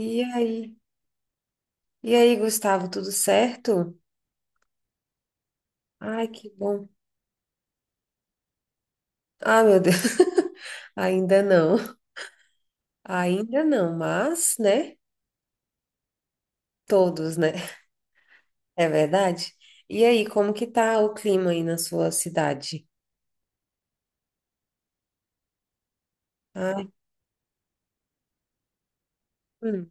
E aí? E aí, Gustavo, tudo certo? Ai, que bom. Ah, meu Deus. Ainda não. Ainda não, mas, né? Todos, né? É verdade? E aí, como que tá o clima aí na sua cidade? Ai, hum.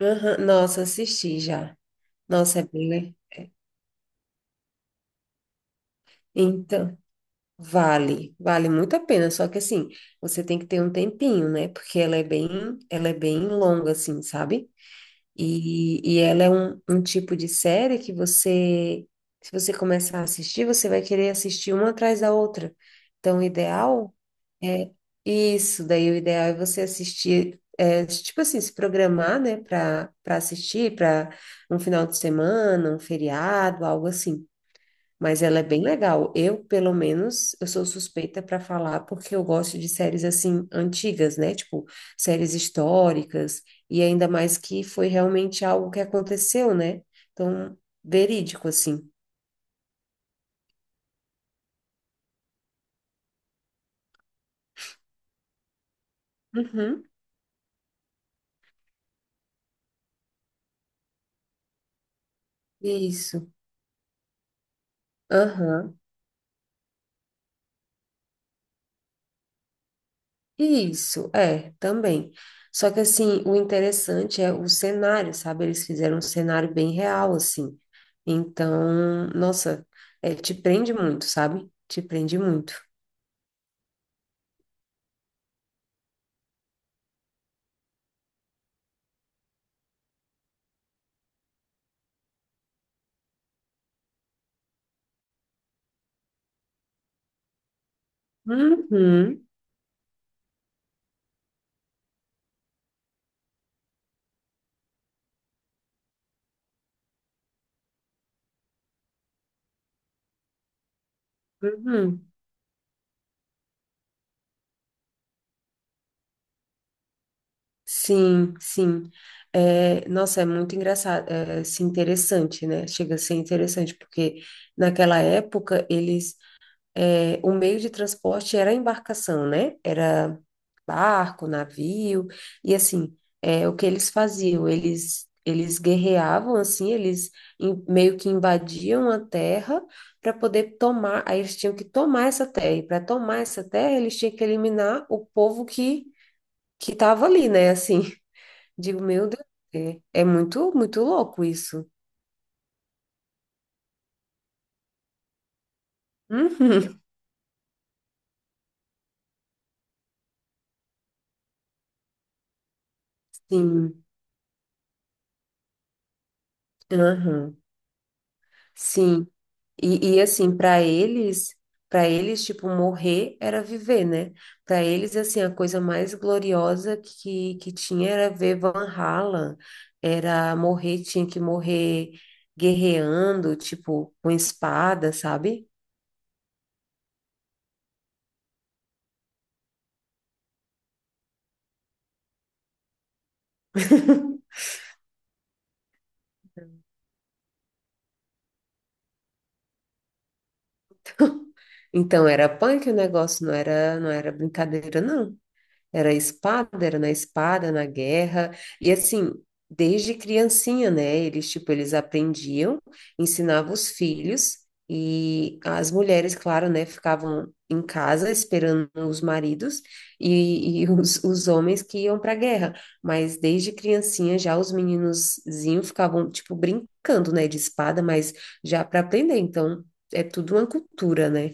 Aham. Nossa, assisti já. Nossa, é bem. Le- Então, vale muito a pena, só que assim, você tem que ter um tempinho, né? Porque ela é bem longa assim, sabe? E ela é um tipo de série que você, se você começar a assistir, você vai querer assistir uma atrás da outra. Então, o ideal é isso. Daí, o ideal é você assistir, é, tipo assim, se programar, né, para assistir, para um final de semana, um feriado, algo assim. Mas ela é bem legal. Eu, pelo menos, eu sou suspeita para falar porque eu gosto de séries assim antigas, né? Tipo, séries históricas e ainda mais que foi realmente algo que aconteceu, né? Então, verídico assim. Uhum. Isso. Aham. Isso, é, também. Só que assim, o interessante é o cenário, sabe? Eles fizeram um cenário bem real assim. Então, nossa, é, te prende muito, sabe? Te prende muito. Uhum. Uhum. Sim, sim. É, nossa, é muito engraçado, é, assim, interessante, né? Chega a ser interessante, porque naquela época eles, é, o meio de transporte era a embarcação, né? Era barco, navio, e assim, é, o que eles faziam? Eles guerreavam, assim, eles in- meio que invadiam a terra para poder tomar, aí eles tinham que tomar essa terra, e para tomar essa terra eles tinham que eliminar o povo que tava ali, né? Assim, digo, meu Deus, é, é muito, muito louco isso. Uhum, sim, uhum, sim. E assim, para eles, tipo, morrer era viver, né? Para eles, assim, a coisa mais gloriosa que tinha era ver Van Halen, era morrer, tinha que morrer guerreando, tipo, com espada, sabe? Então era punk o negócio, não era, não era brincadeira, não. Era espada, era na espada, na guerra. E assim, desde criancinha, né? Eles, tipo, eles aprendiam, ensinavam os filhos e as mulheres, claro, né? Ficavam em casa esperando os maridos e os homens que iam para a guerra. Mas desde criancinha já os meninozinhos ficavam, tipo, brincando, né? De espada, mas já para aprender. Então, é tudo uma cultura, né?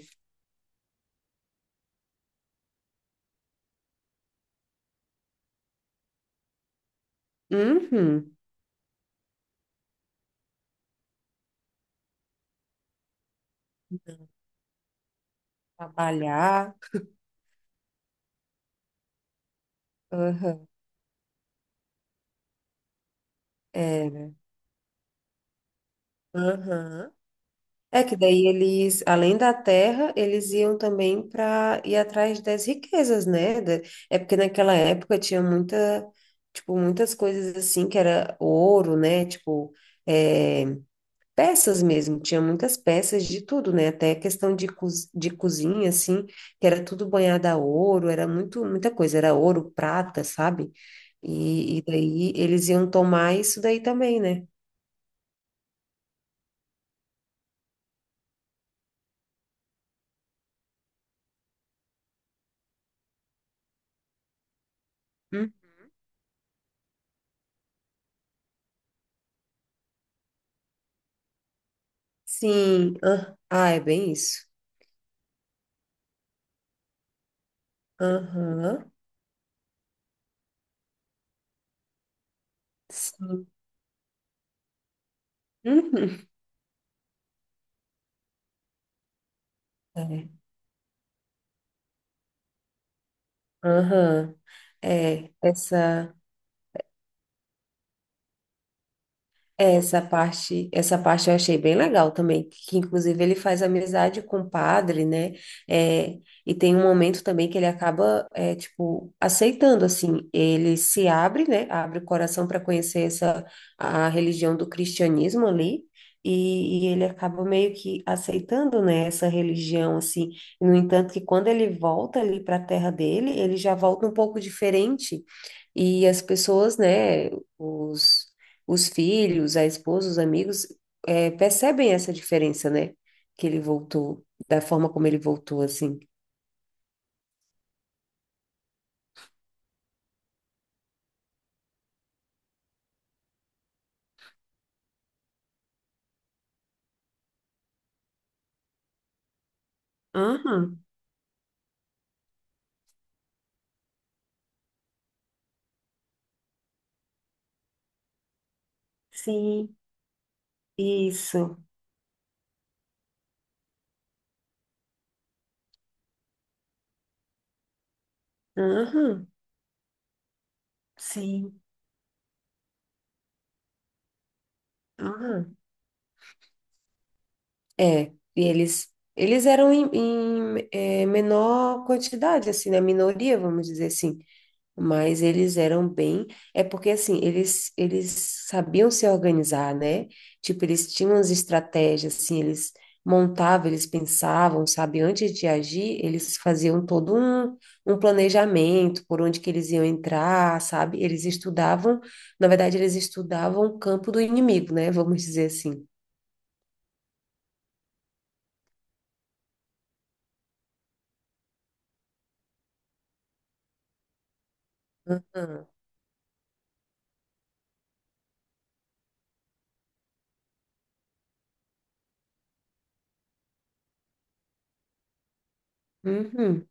Uhum. Trabalhar. Aham. É. Aham. É que daí eles, além da terra, eles iam também para ir atrás das riquezas, né? Da- É porque naquela época tinha muita, tipo, muitas coisas assim que era ouro, né? Tipo, é, peças mesmo, tinha muitas peças de tudo, né? Até questão de, co de cozinha, assim, que era tudo banhado a ouro, era muito, muita coisa, era ouro, prata, sabe? E daí eles iam tomar isso daí também, né? Sim. Ah, ah, é bem isso. Aham. Sim. Uhum. É. Aham. É, essa. Essa parte eu achei bem legal também, que inclusive ele faz amizade com o padre, né? É, e tem um momento também que ele acaba, é, tipo, aceitando, assim, ele se abre, né? Abre o coração para conhecer essa, a religião do cristianismo ali, e ele acaba meio que aceitando, né, essa religião, assim. No entanto, que quando ele volta ali para a terra dele, ele já volta um pouco diferente e as pessoas, né, os, os filhos, a esposa, os amigos, percebem essa diferença, né? Que ele voltou, da forma como ele voltou, assim. Aham, sim, isso. Aham, sim, aham. É, e eles eram em menor quantidade, assim, na minoria, vamos dizer assim. Mas eles eram bem. É porque, assim, eles sabiam se organizar, né? Tipo, eles tinham as estratégias, assim, eles montavam, eles pensavam, sabe? Antes de agir, eles faziam todo um, um planejamento por onde que eles iam entrar, sabe? Eles estudavam, na verdade, eles estudavam o campo do inimigo, né? Vamos dizer assim. Aham. Uhum.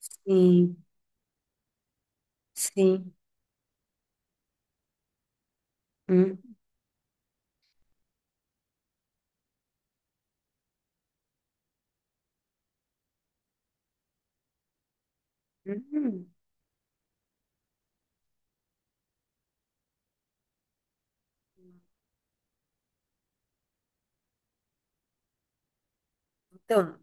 Sim, sim. Uhum. Uhum. Então.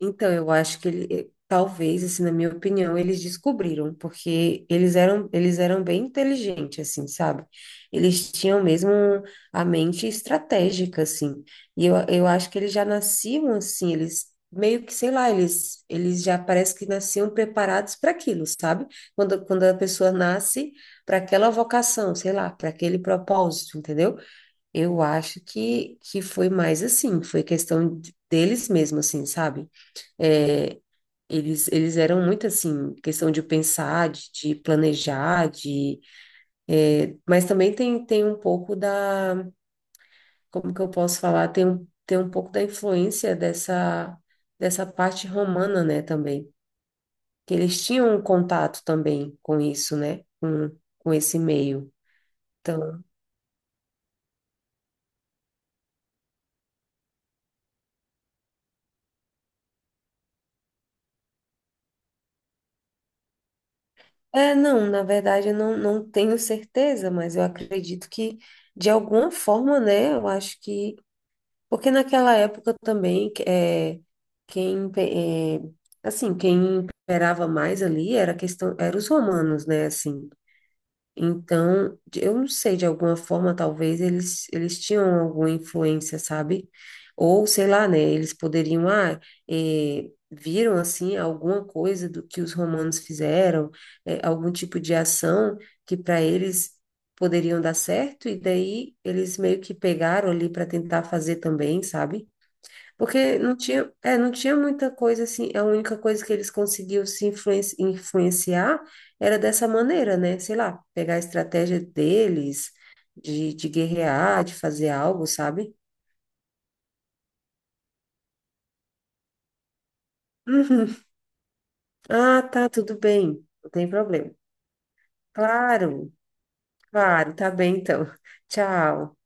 Então, eu acho que ele, talvez, assim, na minha opinião, eles descobriram, porque eles eram bem inteligentes, assim, sabe? Eles tinham mesmo a mente estratégica, assim. E eu acho que eles já nasciam assim, eles meio que, sei lá, eles já parece que nasciam preparados para aquilo, sabe? Quando, quando a pessoa nasce para aquela vocação, sei lá, para aquele propósito, entendeu? Eu acho que foi mais assim, foi questão de- deles mesmo, assim, sabe? É, eles eram muito assim, questão de pensar, de planejar, de, é, mas também tem, tem um pouco da, como que eu posso falar, tem um pouco da influência dessa, dessa parte romana, né, também, que eles tinham um contato também com isso, né, com esse meio. Então, é, não, na verdade eu não, não tenho certeza, mas eu acredito que, de alguma forma, né, eu acho que porque naquela época também, é, quem, pe- é, assim, quem imperava mais ali era a questão, eram os romanos, né, assim. Então, eu não sei, de alguma forma, talvez eles, eles tinham alguma influência, sabe? Ou, sei lá, né? Eles poderiam, ah, viram, assim, alguma coisa do que os romanos fizeram, algum tipo de ação que para eles poderiam dar certo, e daí eles meio que pegaram ali para tentar fazer também, sabe? Porque não tinha, é, não tinha muita coisa assim. A única coisa que eles conseguiam se influenci- influenciar era dessa maneira, né? Sei lá, pegar a estratégia deles, de guerrear, de fazer algo, sabe? Uhum. Ah, tá, tudo bem. Não tem problema. Claro, claro, tá bem então. Tchau.